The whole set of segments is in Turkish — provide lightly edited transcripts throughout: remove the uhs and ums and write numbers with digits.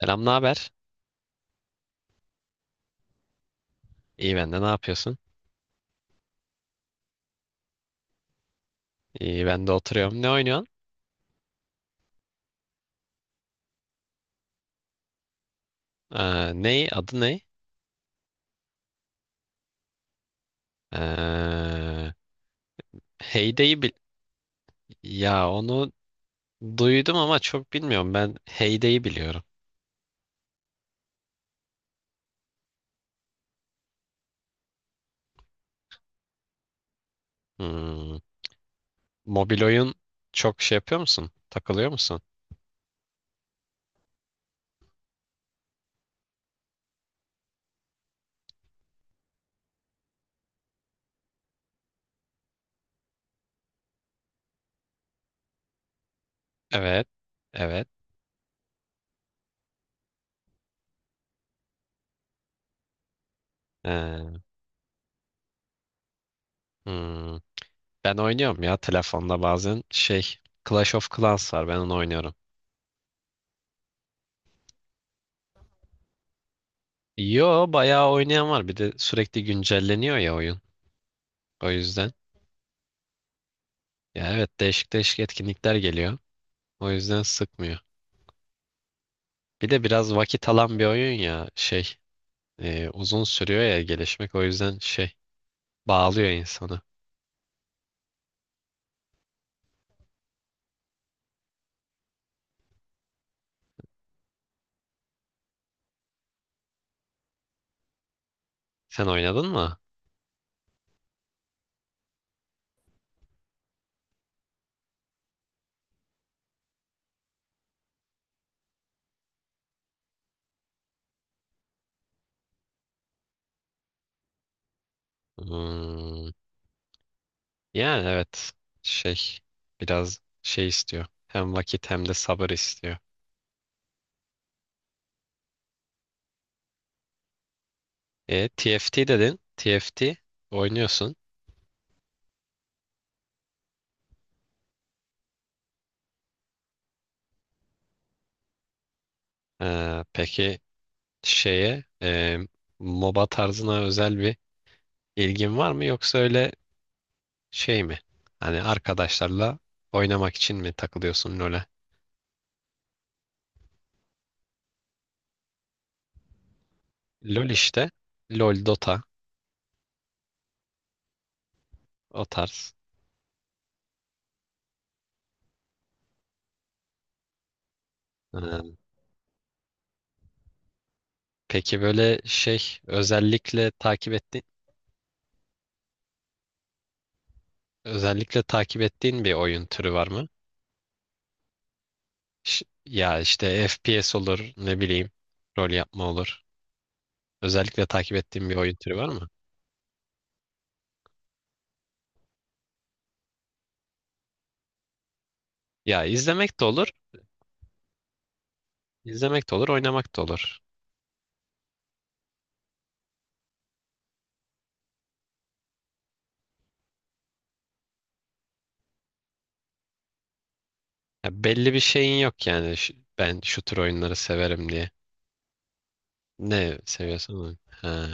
Selam, ne haber? İyi, ben de. Ne yapıyorsun? İyi, ben de oturuyorum. Ne oynuyorsun? Ne? Adı ne? Ee, Heyday'ı bil... Ya onu duydum ama çok bilmiyorum. Ben Heyday'ı biliyorum. Hmm. Mobil oyun çok şey yapıyor musun? Takılıyor musun? Evet. Evet. Ee, hmm. Ben oynuyorum ya telefonda bazen şey Clash of Clans var ben onu oynuyorum. Yo bayağı oynayan var bir de sürekli güncelleniyor ya oyun. O yüzden. Ya evet değişik değişik etkinlikler geliyor. O yüzden sıkmıyor. Bir de biraz vakit alan bir oyun ya şey uzun sürüyor ya gelişmek o yüzden şey bağlıyor insanı. Sen oynadın mı? Hmm, yani evet şey biraz şey istiyor. Hem vakit hem de sabır istiyor. TFT dedin. TFT oynuyorsun. Peki şeye MOBA tarzına özel bir ilgin var mı yoksa öyle şey mi? Hani arkadaşlarla oynamak için mi takılıyorsun LoL'e? LoL işte. LoL, Dota o tarz. Ee, peki böyle şey özellikle takip ettiğin özellikle takip ettiğin bir oyun türü var mı? Ya işte FPS olur, ne bileyim, rol yapma olur. Özellikle takip ettiğin bir oyun türü var mı? Ya izlemek de olur, oynamak da olur. Ya belli bir şeyin yok yani. Ben şu tür oyunları severim diye. Ne seviyorsan oyun. Ha.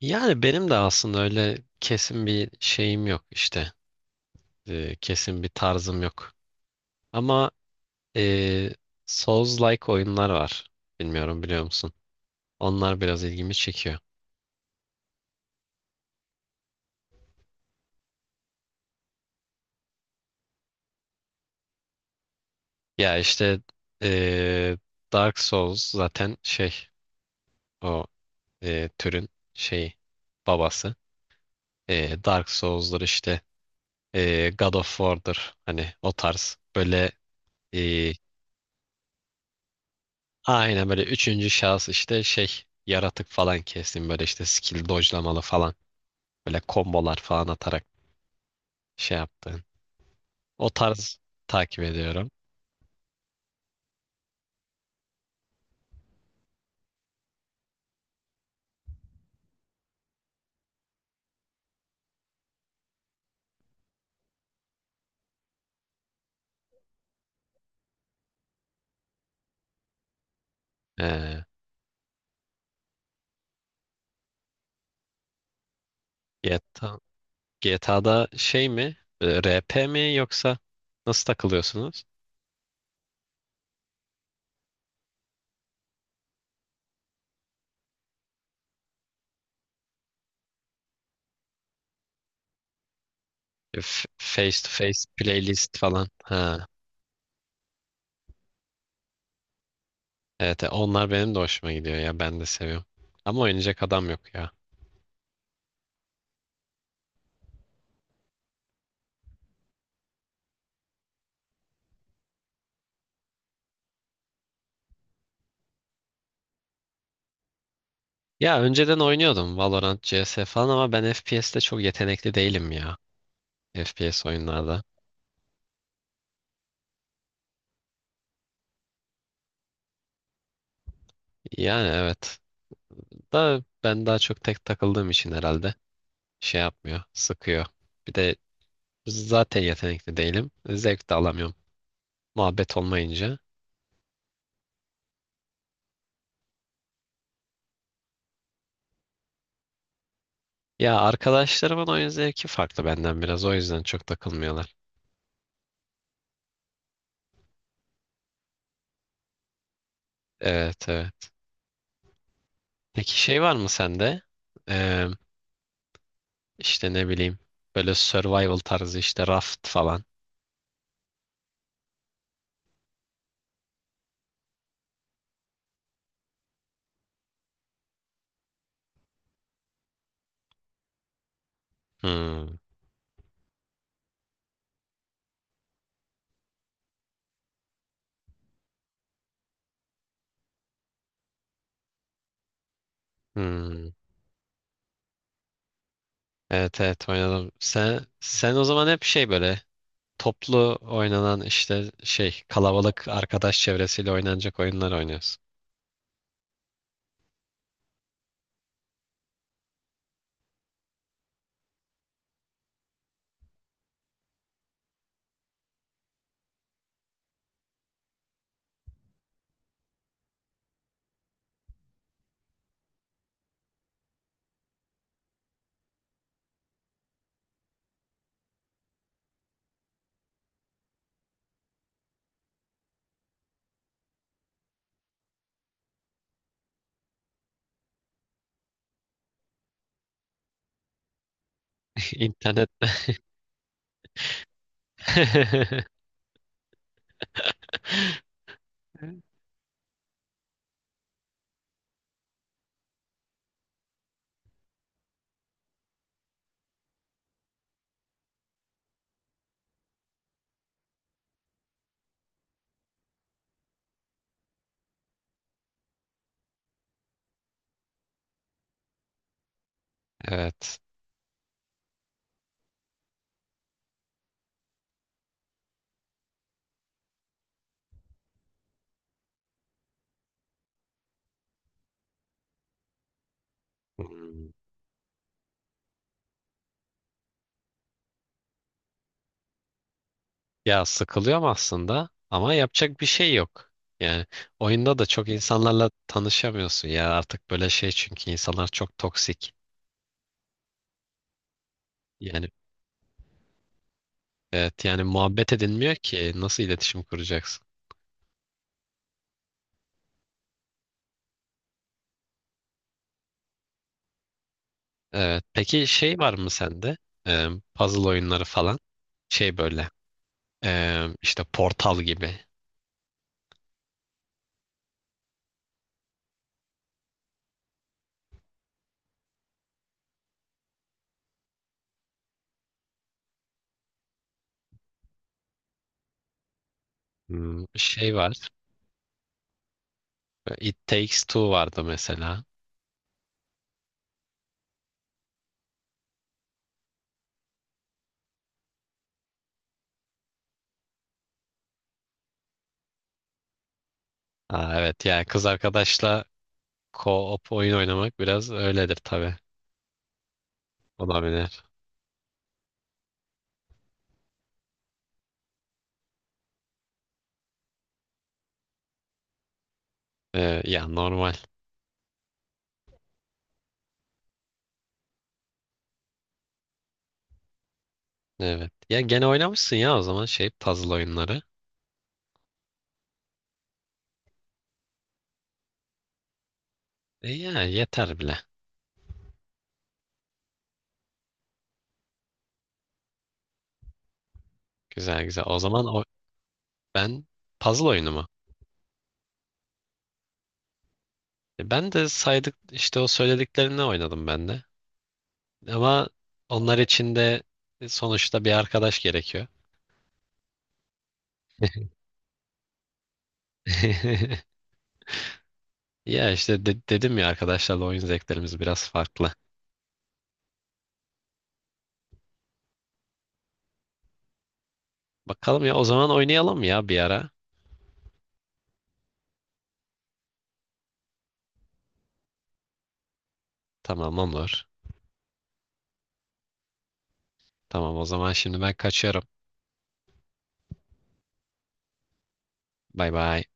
Yani benim de aslında öyle kesin bir şeyim yok işte. Kesin bir tarzım yok. Ama eee Souls-like oyunlar var. Bilmiyorum biliyor musun? Onlar biraz ilgimi çekiyor. Ya işte eee, Dark Souls zaten şey o türün şeyi babası. Dark Souls'lar işte God of War'dır hani o tarz böyle e, Aynen böyle üçüncü şahıs işte şey yaratık falan kestim böyle işte skill dodge'lamalı falan böyle kombolar falan atarak şey yaptığın. O tarz takip ediyorum. Ee, GTA, GTA'da şey mi? RP mi yoksa nasıl takılıyorsunuz? Face to face playlist falan. Ha. Evet, onlar benim de hoşuma gidiyor ya ben de seviyorum. Ama oynayacak adam yok ya. Ya önceden oynuyordum Valorant, CS falan ama ben FPS'te çok yetenekli değilim ya. FPS oyunlarda. Yani evet. Da ben daha çok tek takıldığım için herhalde şey yapmıyor, sıkıyor. Bir de zaten yetenekli değilim. Zevk de alamıyorum. Muhabbet olmayınca. Ya arkadaşlarımın oyun zevki farklı benden biraz. O yüzden çok takılmıyorlar. Evet evet. Peki şey var mı sende? Ee, işte ne bileyim. Böyle survival tarzı işte raft falan. Hmm. Hmm. Evet evet oynadım. Sen o zaman hep şey böyle toplu oynanan işte şey kalabalık arkadaş çevresiyle oynanacak oyunlar oynuyoruz. İnternette. Evet. Hmm. Ya sıkılıyorum aslında ama yapacak bir şey yok. Yani oyunda da çok insanlarla tanışamıyorsun ya artık böyle şey çünkü insanlar çok toksik. Yani evet yani muhabbet edilmiyor ki nasıl iletişim kuracaksın? Evet. Peki şey var mı sende? Ee, puzzle oyunları falan. Şey böyle. İşte Portal gibi. Şey var. It Takes Two vardı mesela. Ha, evet yani kız arkadaşla co-op oyun oynamak biraz öyledir tabii. Olabilir. Ya normal. Evet. Ya gene oynamışsın ya o zaman şey puzzle oyunları. Ya yeter bile. Güzel güzel. O zaman o, ben puzzle oyunu mu? Ben de saydık işte o söylediklerini oynadım ben de. Ama onlar için de sonuçta bir arkadaş gerekiyor. Ya işte dedim ya arkadaşlarla oyun zevklerimiz biraz farklı. Bakalım ya o zaman oynayalım ya bir ara. Tamam olur. Tamam o zaman şimdi ben kaçıyorum. Bay bay.